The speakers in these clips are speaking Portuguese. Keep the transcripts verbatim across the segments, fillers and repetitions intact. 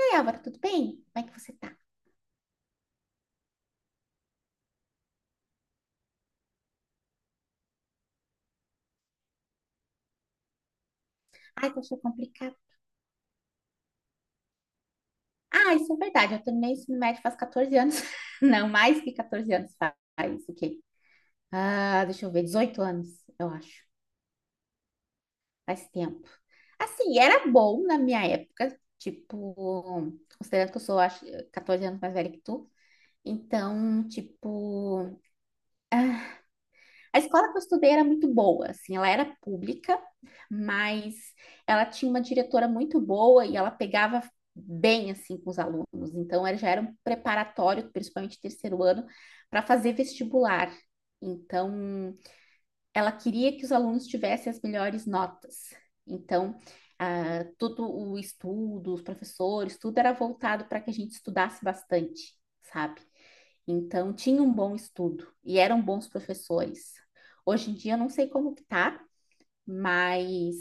Oi, Álvaro, tudo bem? Como é que você tá? Ai, tá achando complicado. Ah, isso é verdade. Eu terminei o ensino médio faz quatorze anos. Não, mais que quatorze anos faz. O quê? Ah, deixa eu ver, dezoito anos, eu acho. Faz tempo. Assim, era bom na minha época, tipo, considerando que eu sou, acho, catorze anos mais velha que tu. Então, tipo, ah, a escola que eu estudei era muito boa, assim, ela era pública, mas ela tinha uma diretora muito boa e ela pegava bem, assim, com os alunos. Então, era, já era um preparatório, principalmente terceiro ano, para fazer vestibular. Então, ela queria que os alunos tivessem as melhores notas. Então, ah, todo o estudo, os professores, tudo era voltado para que a gente estudasse bastante, sabe? Então, tinha um bom estudo e eram bons professores. Hoje em dia, eu não sei como que tá, mas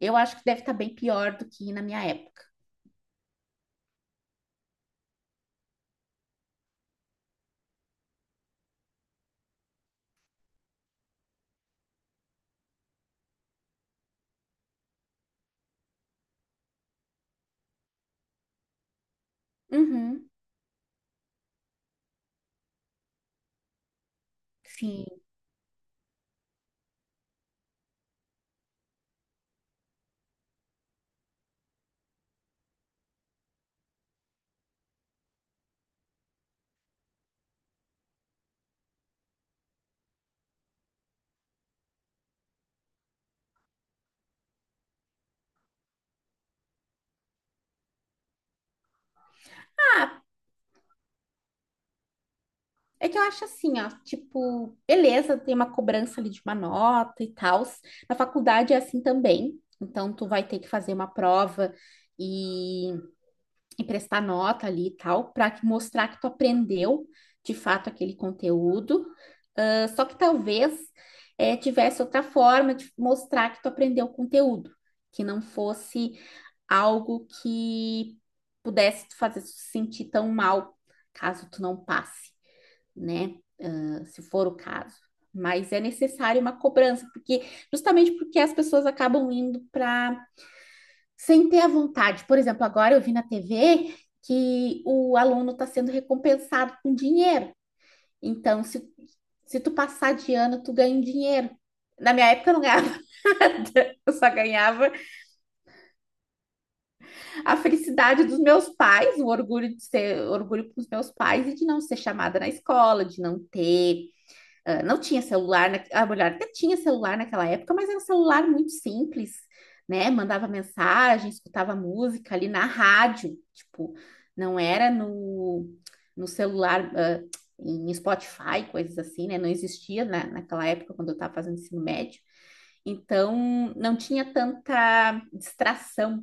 eu acho que deve estar bem pior do que na minha época. Uhum, sim. Ah, é que eu acho assim, ó, tipo, beleza, tem uma cobrança ali de uma nota e tal. Na faculdade é assim também. Então, tu vai ter que fazer uma prova e e prestar nota ali e tal, para mostrar que tu aprendeu de fato aquele conteúdo. Ah, só que talvez eh, tivesse outra forma de mostrar que tu aprendeu o conteúdo, que não fosse algo que pudesse te fazer se sentir tão mal caso tu não passe, né? Ah, se for o caso. Mas é necessário uma cobrança, porque justamente porque as pessoas acabam indo para sem ter a vontade. Por exemplo, agora eu vi na T V que o aluno está sendo recompensado com dinheiro. Então, se, se tu passar de ano, tu ganha um dinheiro. Na minha época eu não ganhava nada, eu só ganhava a felicidade dos meus pais, o orgulho de ser, orgulho com os meus pais e de não ser chamada na escola, de não ter. Ah, não tinha celular, na... a mulher até tinha celular naquela época, mas era um celular muito simples, né? Mandava mensagem, escutava música ali na rádio, tipo, não era no, no celular, ah, em Spotify, coisas assim, né? Não existia na, naquela época, quando eu estava fazendo ensino médio. Então, não tinha tanta distração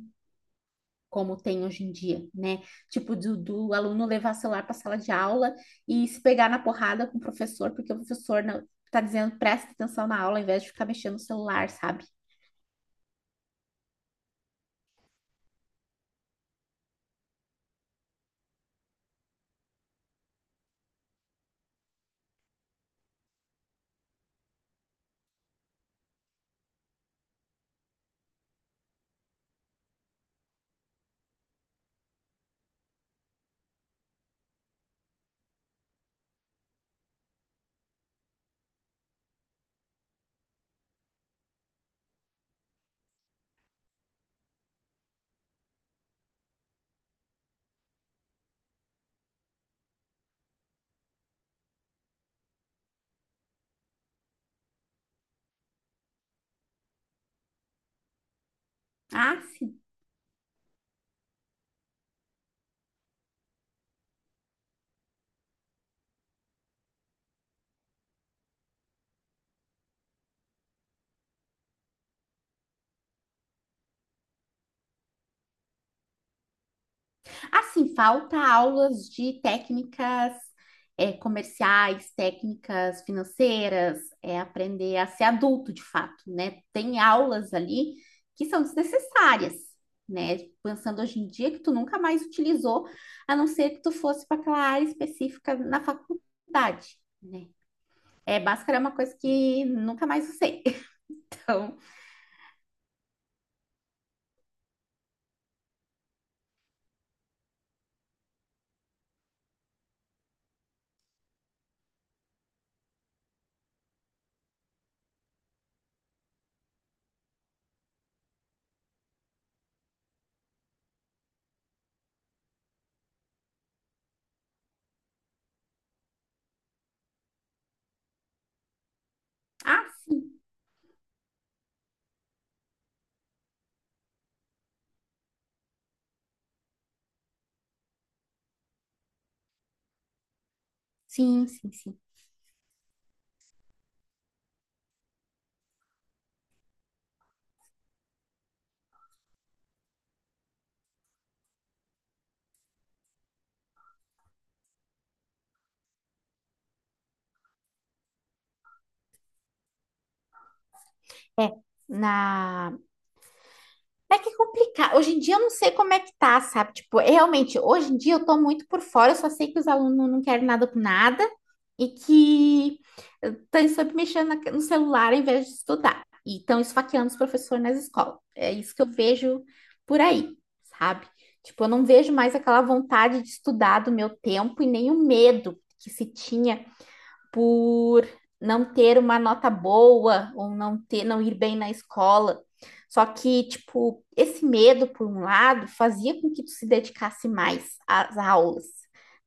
como tem hoje em dia, né? Tipo, do, do aluno levar celular para a sala de aula e se pegar na porrada com o professor, porque o professor não, tá dizendo presta atenção na aula ao invés de ficar mexendo no celular, sabe? Ah, se Assim, falta aulas de técnicas é, comerciais, técnicas financeiras, é, aprender a ser adulto de fato, né? Tem aulas ali que são desnecessárias, né? Pensando hoje em dia que tu nunca mais utilizou, a não ser que tu fosse para aquela área específica na faculdade, né? É, Bhaskara é uma coisa que nunca mais usei. Então, ah, sim, sim, sim. É, na é que é complicado. Hoje em dia eu não sei como é que tá, sabe? Tipo, é realmente, hoje em dia eu tô muito por fora, eu só sei que os alunos não querem nada com nada e que estão sempre mexendo na- no celular ao invés de estudar. E estão esfaqueando os professores nas escolas. É isso que eu vejo por aí, sabe? Tipo, eu não vejo mais aquela vontade de estudar do meu tempo e nem o medo que se tinha por não ter uma nota boa ou não ter, não ir bem na escola. Só que, tipo, esse medo, por um lado, fazia com que tu se dedicasse mais às aulas.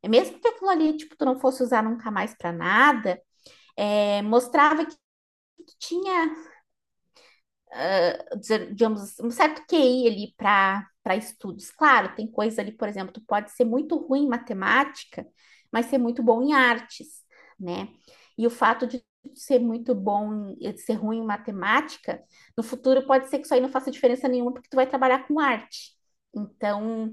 É mesmo que aquilo ali, tipo, tu não fosse usar nunca mais para nada, é, mostrava que tu tinha ah, digamos, um certo Q I ali para para estudos. Claro, tem coisas ali, por exemplo, tu pode ser muito ruim em matemática, mas ser muito bom em artes, né? E o fato de ser muito bom, em- eh, ser ruim em matemática, no futuro pode ser que isso aí não faça diferença nenhuma, porque tu vai trabalhar com arte. Então,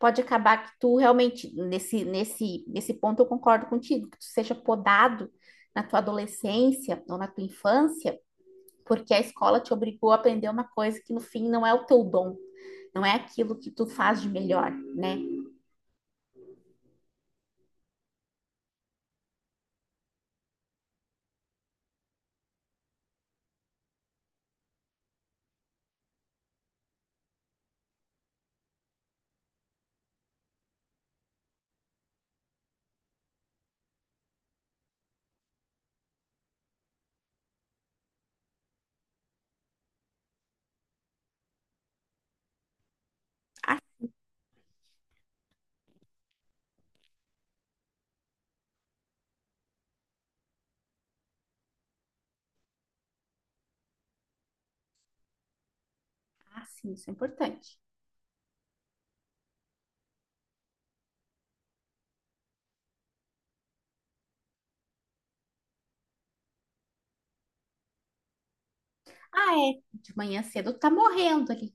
pode acabar que tu realmente, nesse, nesse, nesse ponto eu concordo contigo, que tu seja podado na tua adolescência ou na tua infância porque a escola te obrigou a aprender uma coisa que no fim não é o teu dom, não é aquilo que tu faz de melhor, né? Ah, ah, sim, isso é importante. Ah, é, de manhã cedo tu tá morrendo ali.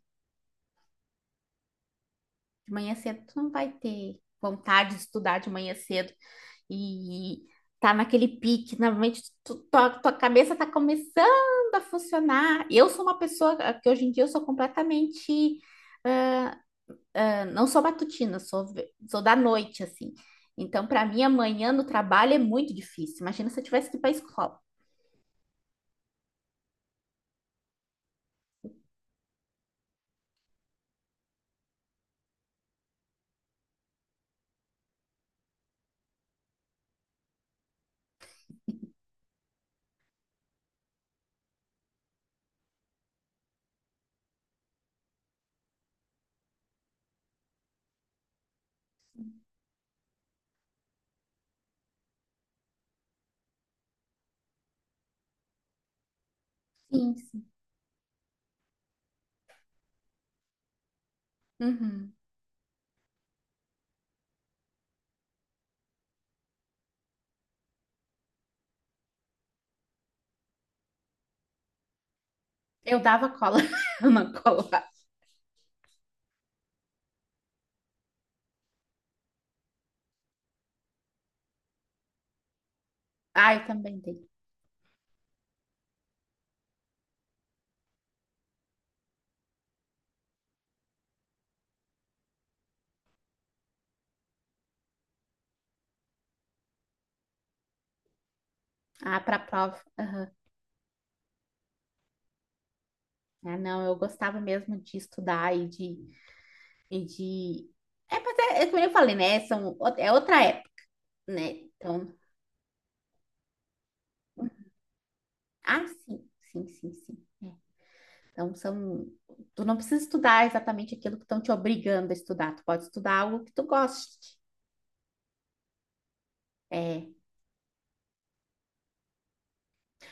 De manhã cedo tu não vai ter vontade de estudar de manhã cedo e tá naquele pique, normalmente tu, tua, tua cabeça tá começando a funcionar. Eu sou uma pessoa que hoje em dia eu sou completamente não sou matutina, sou, sou da noite, assim. Então, para mim, amanhã no trabalho é muito difícil. Imagina se eu tivesse que ir para a escola. Sim, sim. Uhum. Eu dava cola, uma cola. Ah, eu também dei. Ah, para prova. Aham. Ah, não, eu gostava mesmo de estudar e de, e de... É, mas é, é, como eu falei, né? São, o- é outra época, né? Então, ah, sim, sim, sim, sim. É. Então, são. Tu não precisa estudar exatamente aquilo que estão te obrigando a estudar. Tu pode estudar algo que tu goste. É,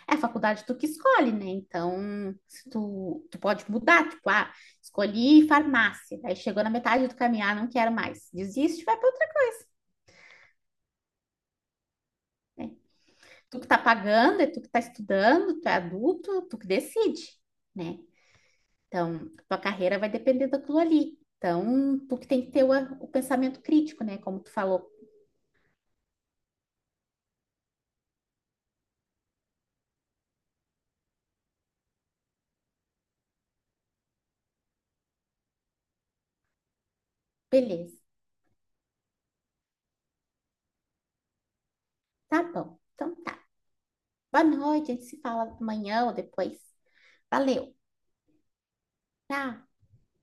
é a faculdade tu que escolhe, né? Então, se tu, tu pode mudar, tipo, ah, escolhi farmácia, aí chegou na metade do caminho, ah, não quero mais, desiste, e vai para outra, né? Tu que tá pagando, é tu que tá estudando, tu é adulto, tu que decide, né? Então, tua carreira vai depender daquilo ali. Então, tu que tem que ter o, o pensamento crítico, né? Como tu falou, beleza, tá bom, então tá. Boa noite, a gente se fala amanhã ou depois. Valeu, tchau.